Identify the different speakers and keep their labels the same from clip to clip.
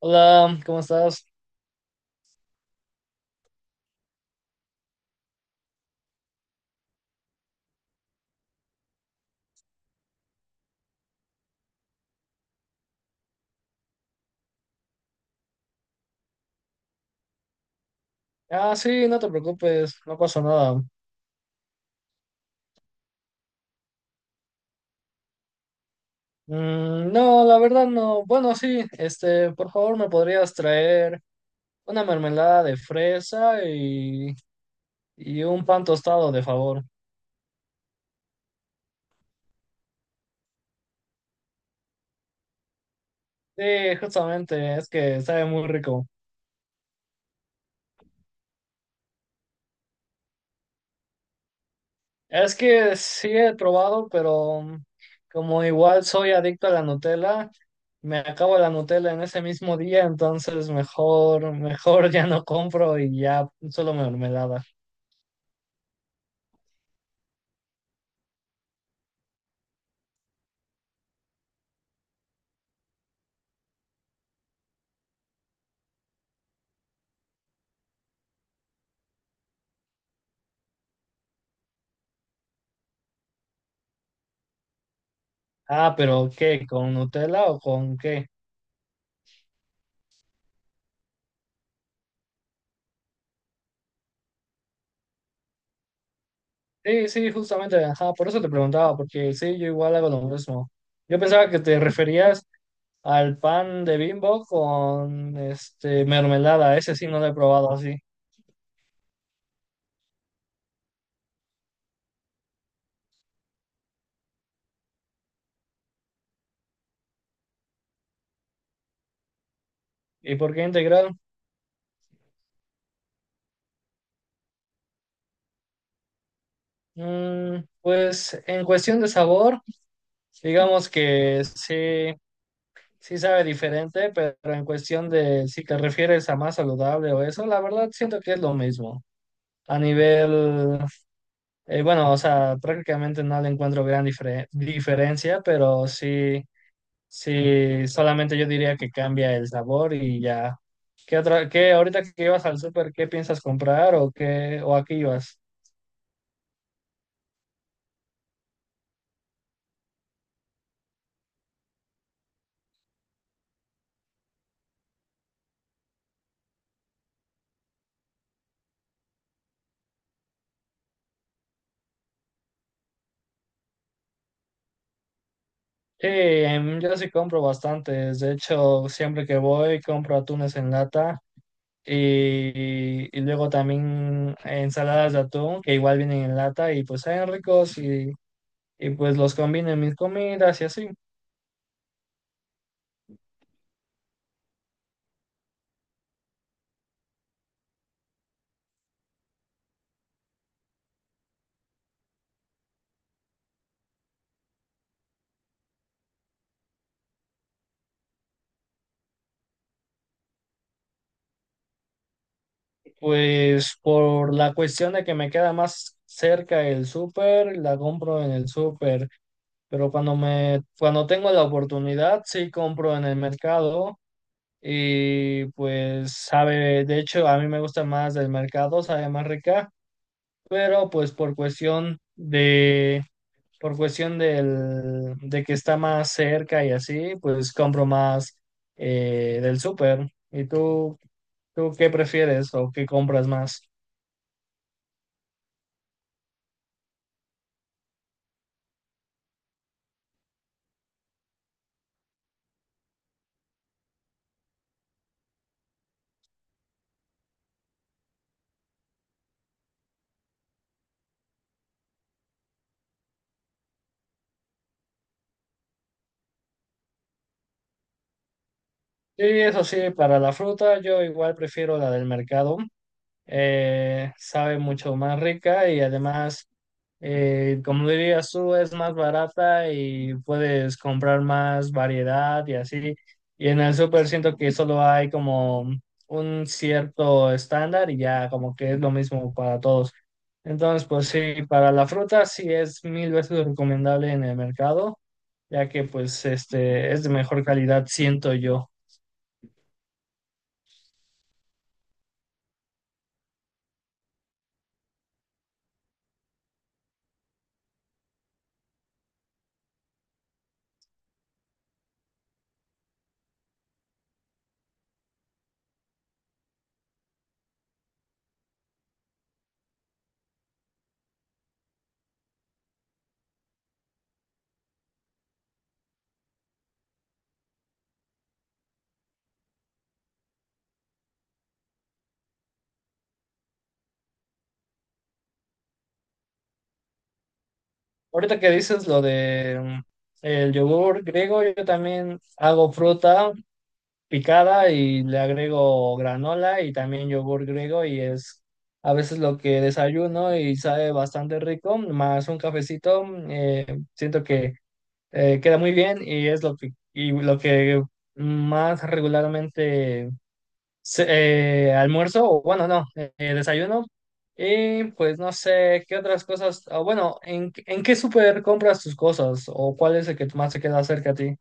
Speaker 1: Hola, ¿cómo estás? Ah, sí, no te preocupes, no pasó nada. No, la verdad no. Bueno, sí, por favor, ¿me podrías traer una mermelada de fresa y un pan tostado, de favor? Sí, justamente, es que sabe muy rico. Es que sí he probado, pero como igual soy adicto a la Nutella, me acabo la Nutella en ese mismo día, entonces mejor ya no compro y ya solo mermelada. Ah, pero ¿qué? ¿Con Nutella o con qué? Sí, sí, justamente, ajá, por eso te preguntaba, porque sí, yo igual hago lo mismo. Yo pensaba que te referías al pan de Bimbo con este mermelada, ese sí no lo he probado así. ¿Y por qué integral? Pues en cuestión de sabor, digamos que sí, sí sabe diferente, pero en cuestión de si te refieres a más saludable o eso, la verdad siento que es lo mismo. A nivel. Bueno, o sea, prácticamente no le encuentro gran diferencia, pero sí, sí, solamente yo diría que cambia el sabor y ya. ¿Qué qué ahorita que ibas al súper, qué piensas comprar o qué, o aquí ibas? Yo sí compro bastantes, de hecho, siempre que voy compro atunes en lata y luego también ensaladas de atún que igual vienen en lata y pues saben ricos y pues los combino en mis comidas y así. Pues por la cuestión de que me queda más cerca el súper, la compro en el súper, pero cuando tengo la oportunidad, sí compro en el mercado y pues sabe, de hecho a mí me gusta más del mercado, sabe más rica, pero pues por por cuestión de que está más cerca y así, pues compro más del súper. ¿Y tú qué prefieres o qué compras más? Sí, eso sí, para la fruta yo igual prefiero la del mercado. Sabe mucho más rica y además, como dirías tú, es más barata y puedes comprar más variedad y así. Y en el súper siento que solo hay como un cierto estándar y ya como que es lo mismo para todos. Entonces, pues sí, para la fruta sí es mil veces recomendable en el mercado, ya que pues este es de mejor calidad, siento yo. Ahorita que dices lo de el yogur griego, yo también hago fruta picada y le agrego granola y también yogur griego y es a veces lo que desayuno y sabe bastante rico, más un cafecito, eh, siento que queda muy bien y es lo y lo que más regularmente almuerzo, o bueno, no, desayuno. Y pues no sé, ¿qué otras cosas? O bueno, en qué súper compras tus cosas? ¿O cuál es el que más te queda cerca a ti?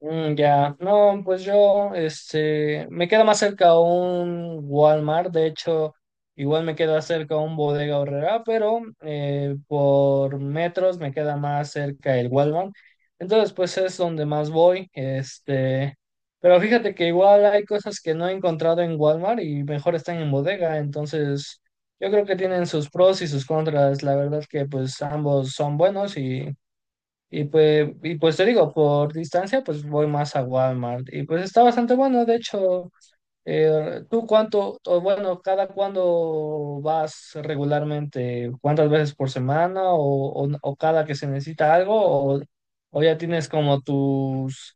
Speaker 1: Ya, no, pues yo, este, me queda más cerca a un Walmart, de hecho, igual me queda cerca a un Bodega Aurrera, pero por metros me queda más cerca el Walmart, entonces pues es donde más voy, este, pero fíjate que igual hay cosas que no he encontrado en Walmart y mejor están en Bodega, entonces yo creo que tienen sus pros y sus contras, la verdad que pues ambos son buenos y pues te digo, por distancia, pues voy más a Walmart. Y pues está bastante bueno. De hecho, ¿tú o bueno, cada cuándo vas regularmente? ¿Cuántas veces por semana o cada que se necesita algo? O ya tienes como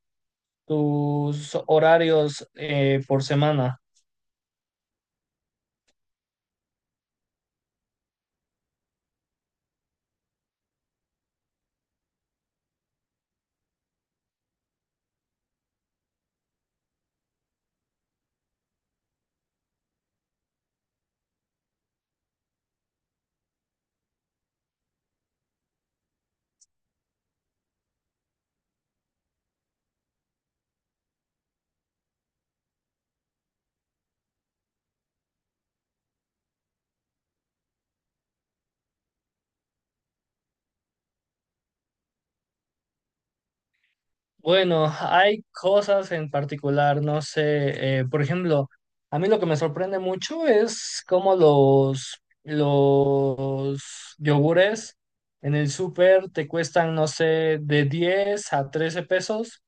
Speaker 1: tus horarios por semana? Bueno, hay cosas en particular, no sé, por ejemplo, a mí lo que me sorprende mucho es cómo los yogures en el súper te cuestan, no sé, de 10 a 13 pesos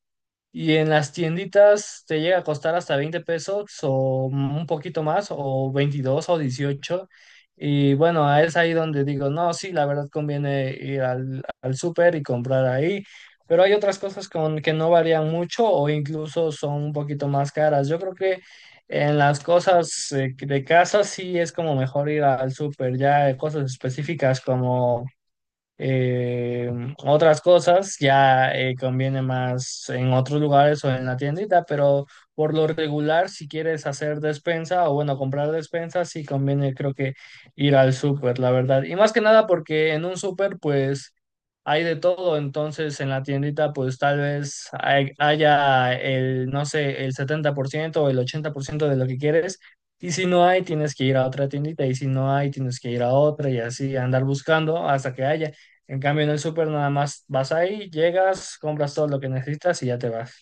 Speaker 1: y en las tienditas te llega a costar hasta 20 pesos o un poquito más, o 22 o 18. Y bueno, es ahí donde digo, no, sí, la verdad conviene ir al súper y comprar ahí. Pero hay otras cosas con que no varían mucho o incluso son un poquito más caras. Yo creo que en las cosas de casa sí es como mejor ir al súper, ya cosas específicas como eh, otras cosas ya conviene más en otros lugares o en la tiendita, pero por lo regular, si quieres hacer despensa o bueno, comprar despensa, sí conviene creo que ir al súper, la verdad. Y más que nada porque en un súper pues hay de todo, entonces en la tiendita pues tal vez haya el, no sé, el 70% o el 80% de lo que quieres. Y si no hay, tienes que ir a otra tiendita, y si no hay, tienes que ir a otra y así andar buscando hasta que haya. En cambio, en el súper nada más vas ahí, llegas, compras todo lo que necesitas y ya te vas.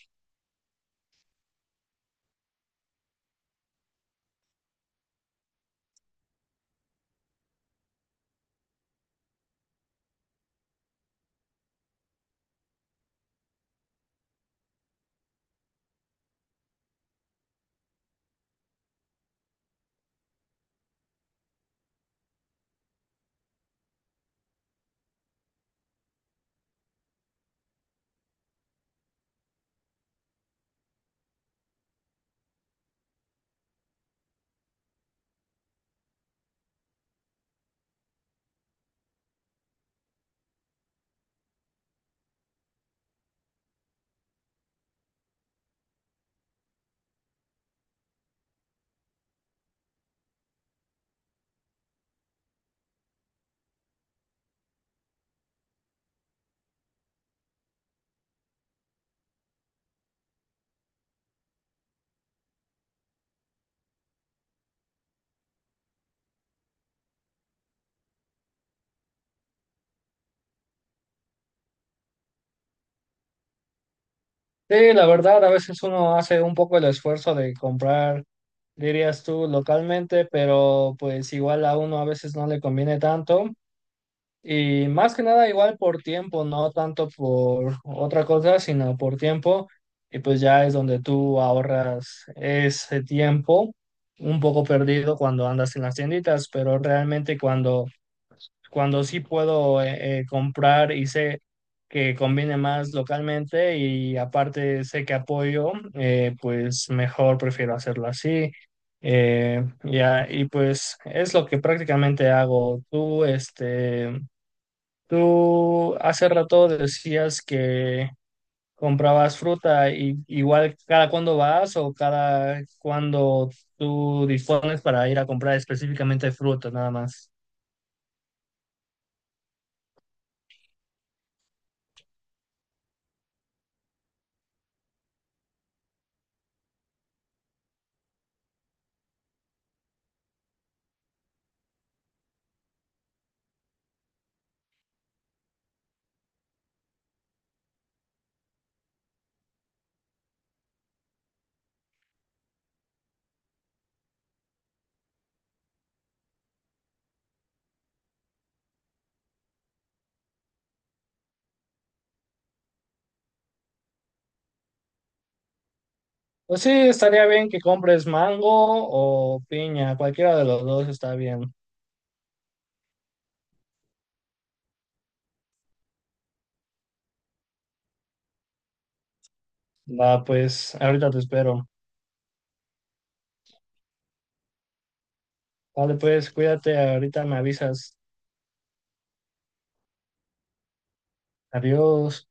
Speaker 1: Sí, la verdad, a veces uno hace un poco el esfuerzo de comprar, dirías tú, localmente, pero pues igual a uno a veces no le conviene tanto. Y más que nada, igual por tiempo, no tanto por otra cosa, sino por tiempo. Y pues ya es donde tú ahorras ese tiempo un poco perdido cuando andas en las tienditas, pero realmente cuando sí puedo comprar y sé que conviene más localmente y aparte sé que apoyo, pues mejor prefiero hacerlo así. Ya, y pues es lo que prácticamente hago. Tú, este, tú hace rato decías que comprabas fruta y igual cada cuándo vas o cada cuándo tú dispones para ir a comprar específicamente fruta, nada más. Pues sí, estaría bien que compres mango o piña, cualquiera de los dos está bien. Va, pues, ahorita te espero. Vale, pues, cuídate, ahorita me avisas. Adiós.